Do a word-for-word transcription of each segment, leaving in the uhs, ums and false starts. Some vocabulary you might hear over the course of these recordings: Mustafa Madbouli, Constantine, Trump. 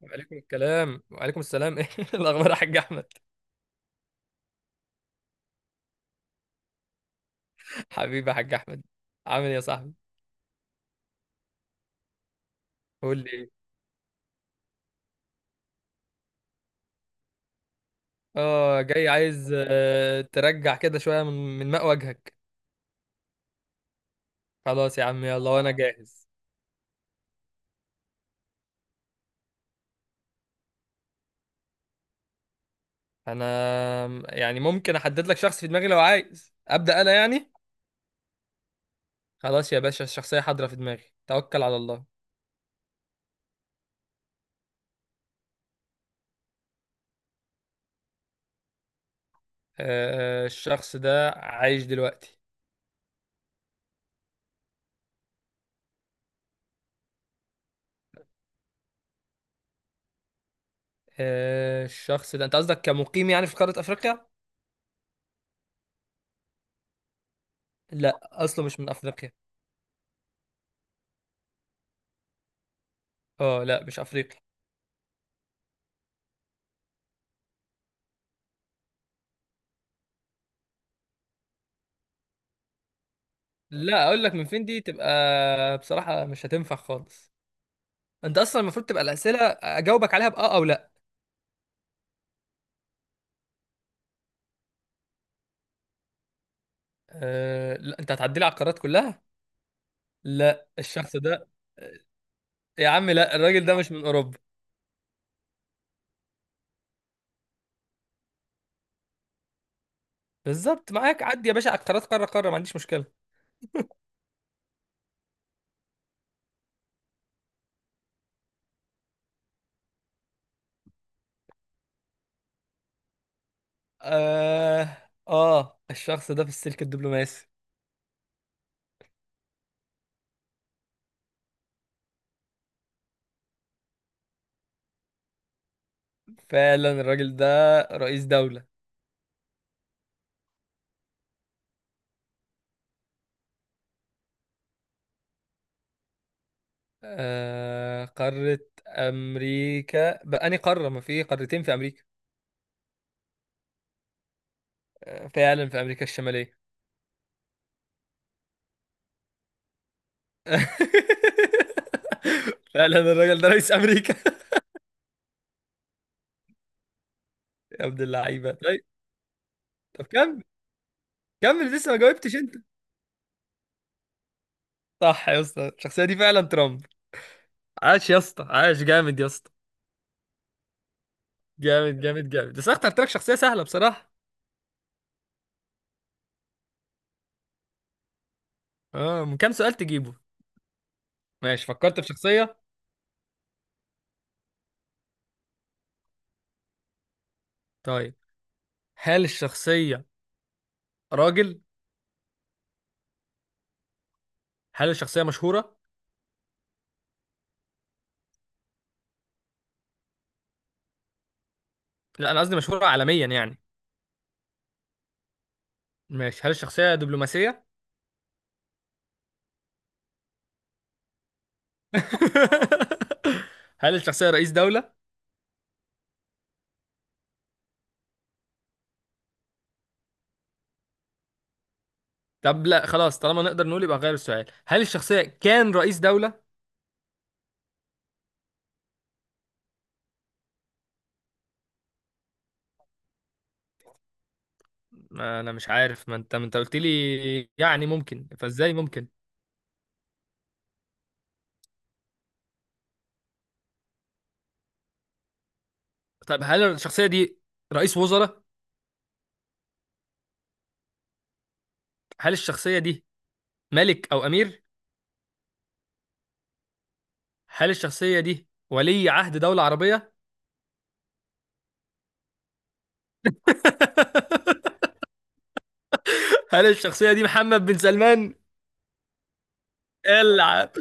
وعليكم الكلام وعليكم السلام. ايه الاخبار يا حاج احمد؟ حبيبي يا حاج احمد. عامل ايه يا صاحبي؟ قول لي ايه. اه جاي عايز، آه، ترجع كده شويه من من ماء وجهك. خلاص يا عم يلا وانا جاهز. انا يعني ممكن احدد لك شخص في دماغي لو عايز ابدا انا يعني. خلاص يا باشا، الشخصيه حاضره في دماغي، توكل على الله. آه، الشخص ده عايش دلوقتي. آه، الشخص ده انت قصدك كمقيم يعني في قاره افريقيا؟ لا اصله مش من افريقيا. اه لا، مش افريقي. لا، اقول لك من فين دي تبقى بصراحة مش هتنفع خالص. انت اصلا المفروض تبقى الاسئلة اجاوبك عليها باه او لا. أه لا، انت هتعدي لي على القارات كلها. لا الشخص ده. يا عم لا، الراجل ده مش من اوروبا. بالظبط، معاك، عدي يا باشا على القارات قارة قارة، ما عنديش مشكلة. اه، اه، الشخص ده في السلك الدبلوماسي. فعلا الراجل ده رئيس دولة. آه، قارة امريكا؟ بأني قارة، ما في قارتين في امريكا. آه، فعلا في امريكا الشمالية. فعلا الراجل ده رئيس امريكا. يا ابن اللعيبه، طيب. طب كمل. كمل، لسه ما جاوبتش انت. صح يا اسطى، الشخصيه دي فعلا ترامب. عاش يا اسطى، عاش جامد يا اسطى. جامد جامد جامد، بس أنا اخترت لك شخصيه سهله بصراحه. اه، من كام سؤال تجيبه؟ ماشي، فكرت في شخصيه. طيب، هل الشخصيه راجل؟ هل الشخصيه مشهوره؟ لا، انا قصدي مشهوره عالميا يعني. ماشي، هل الشخصيه دبلوماسيه؟ هل الشخصيه رئيس دوله؟ طب لا خلاص، طالما نقدر نقول يبقى غير السؤال، هل الشخصية كان رئيس دولة؟ ما أنا مش عارف، ما أنت ما أنت قلت لي يعني ممكن، فإزاي ممكن؟ طب هل الشخصية دي رئيس وزراء؟ هل الشخصية دي ملك أو أمير؟ هل الشخصية دي ولي عهد دولة عربية؟ هل الشخصية دي محمد بن سلمان؟ العب.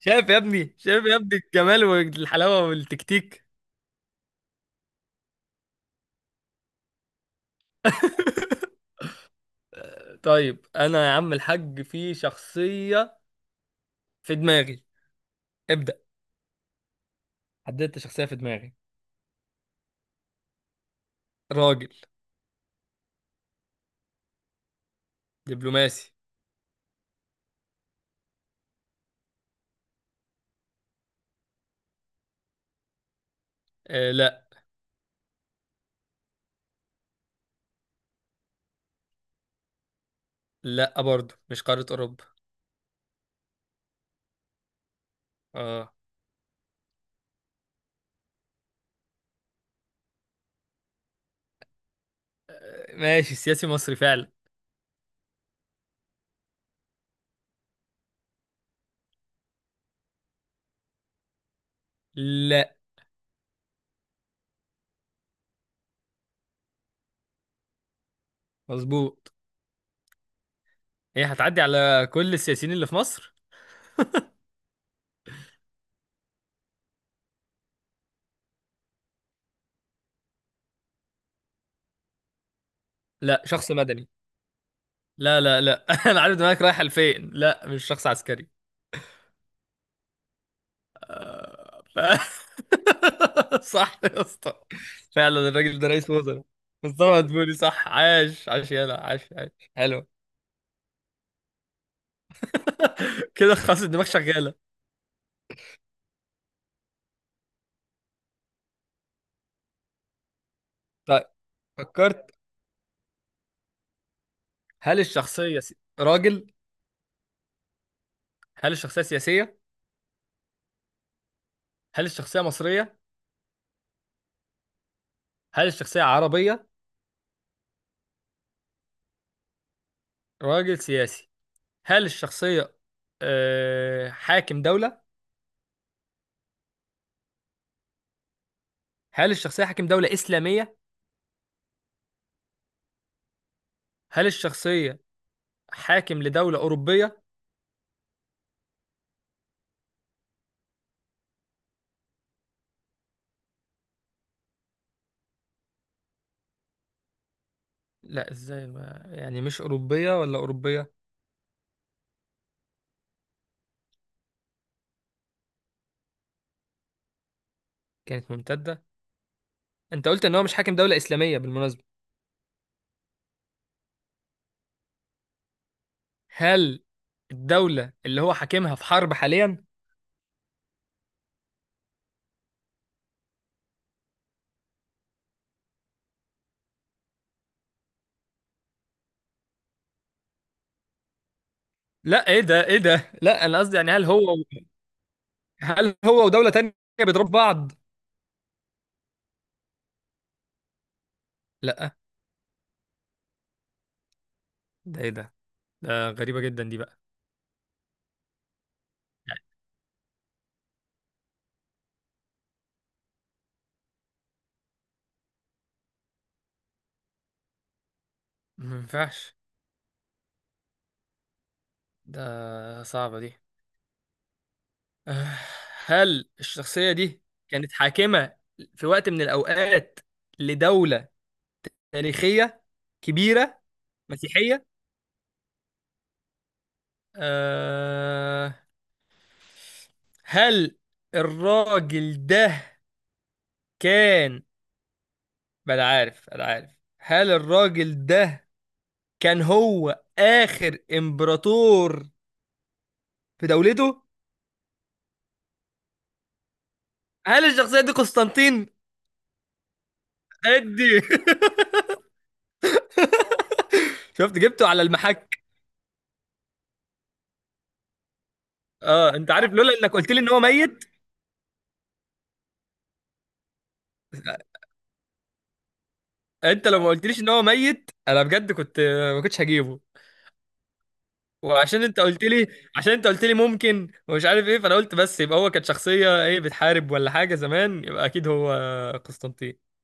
شايف يا ابني، شايف يا ابني الجمال والحلاوة والتكتيك. طيب أنا يا عم الحاج في شخصية في دماغي، ابدأ. حددت شخصية في دماغي. راجل. دبلوماسي. آه لا. لا برضه مش قارة أوروبا. اه ماشي، سياسي مصري فعلا. لا. مظبوط. ايه، هتعدي على كل السياسيين اللي في مصر؟ لا، شخص مدني. لا لا لا، انا عارف دماغك رايحة لفين، لا مش شخص عسكري. صح يا اسطى. فعلا الراجل ده رئيس وزراء. مصطفى مدبولي صح، عاش عاش يلا، عاش عاش. حلو. كده خلاص الدماغ شغالة. طيب، فكرت. هل الشخصية س- راجل. هل الشخصية سياسية؟ هل الشخصية مصرية؟ هل الشخصية عربية؟ راجل سياسي. هل الشخصية آه، حاكم دولة؟ هل الشخصية حاكم دولة إسلامية؟ هل الشخصية حاكم لدولة أوروبية؟ لا إزاي، ما يعني مش أوروبية ولا أوروبية؟ كانت ممتدة؟ أنت قلت إن هو مش حاكم دولة إسلامية بالمناسبة. هل الدولة اللي هو حاكمها في حرب حاليا؟ لا إيه ده، إيه ده؟ لا أنا قصدي يعني هل هو، هل هو ودولة تانية بيضربوا بعض؟ لا ده إيه ده؟ ده غريبة جدا دي بقى. ما ينفعش. ده صعبة دي. آه، هل الشخصية دي كانت حاكمة في وقت من الأوقات لدولة تاريخية كبيرة مسيحية؟ أه هل الراجل ده كان، بلا عارف بلا عارف، هل الراجل ده كان هو آخر إمبراطور في دولته؟ هل الشخصية دي قسطنطين؟ أدي. شفت جبته على المحك. اه انت عارف، لولا انك قلت لي ان هو ميت، انت لو ما قلتليش ان هو ميت انا بجد كنت ما كنتش هجيبه. وعشان انت قلت لي عشان انت قلت لي ممكن ومش عارف ايه، فانا قلت بس يبقى هو كانت شخصية ايه بتحارب ولا حاجة زمان، يبقى اكيد هو قسطنطين.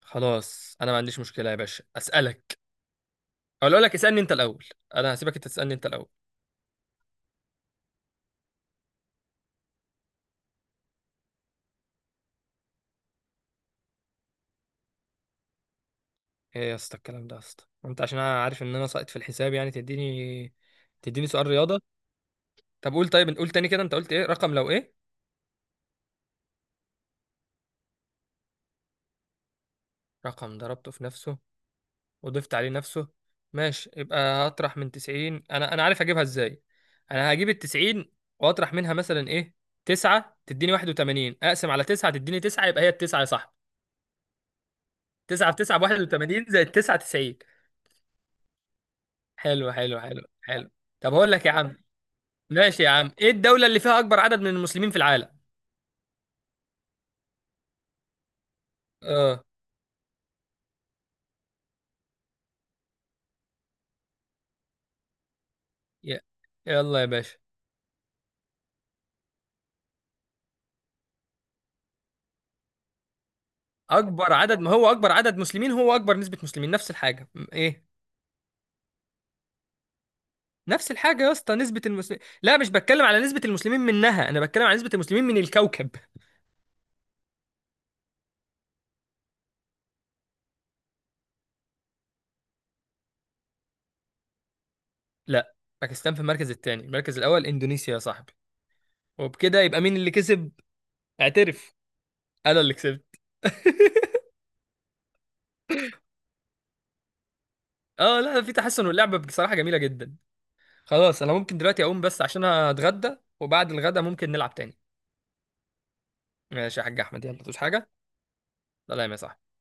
خلاص انا ما عنديش مشكلة يا باشا، اسالك او اقول لك اسالني انت الاول. انا هسيبك انت تسالني انت الاول. ايه يا اسطى الكلام ده يا اسطى، انت عشان انا عارف ان انا ساقط في الحساب يعني تديني تديني سؤال رياضة؟ طب قول طيب قول تاني كده، انت قلت ايه؟ رقم لو ايه؟ رقم ضربته في نفسه وضفت عليه نفسه. ماشي، يبقى هطرح من تسعين، انا انا عارف اجيبها ازاي. انا هجيب ال تسعين واطرح منها مثلا ايه، تسعة تديني واحد وثمانين، اقسم على تسعة تديني تسعة، يبقى هي التسعة يا صاحبي. تسعة في تسعة ب واحد وثمانين زائد تسعة، تسعين. حلو حلو حلو حلو. طب هقول لك يا عم. ماشي يا عم، ايه الدولة اللي فيها اكبر عدد من المسلمين في العالم؟ اه. ي- يلا يا باشا. اكبر عدد، ما هو اكبر عدد مسلمين هو اكبر نسبة مسلمين، نفس الحاجة م- ايه. نفس الحاجة يا اسطى، نسبة المسلمين، لا مش بتكلم على نسبة المسلمين منها، أنا بتكلم على نسبة المسلمين من الكوكب. لا، باكستان في المركز الثاني، المركز الأول إندونيسيا يا صاحبي. وبكده يبقى مين اللي كسب؟ اعترف. أنا اللي كسبت. اه لا، في تحسن، واللعبة بصراحة جميلة جدا. خلاص أنا ممكن دلوقتي أقوم بس عشان أتغدى، وبعد الغدا ممكن نلعب تاني. ماشي يا حاج أحمد، يلا تقولش حاجة. سلام يا صاحبي.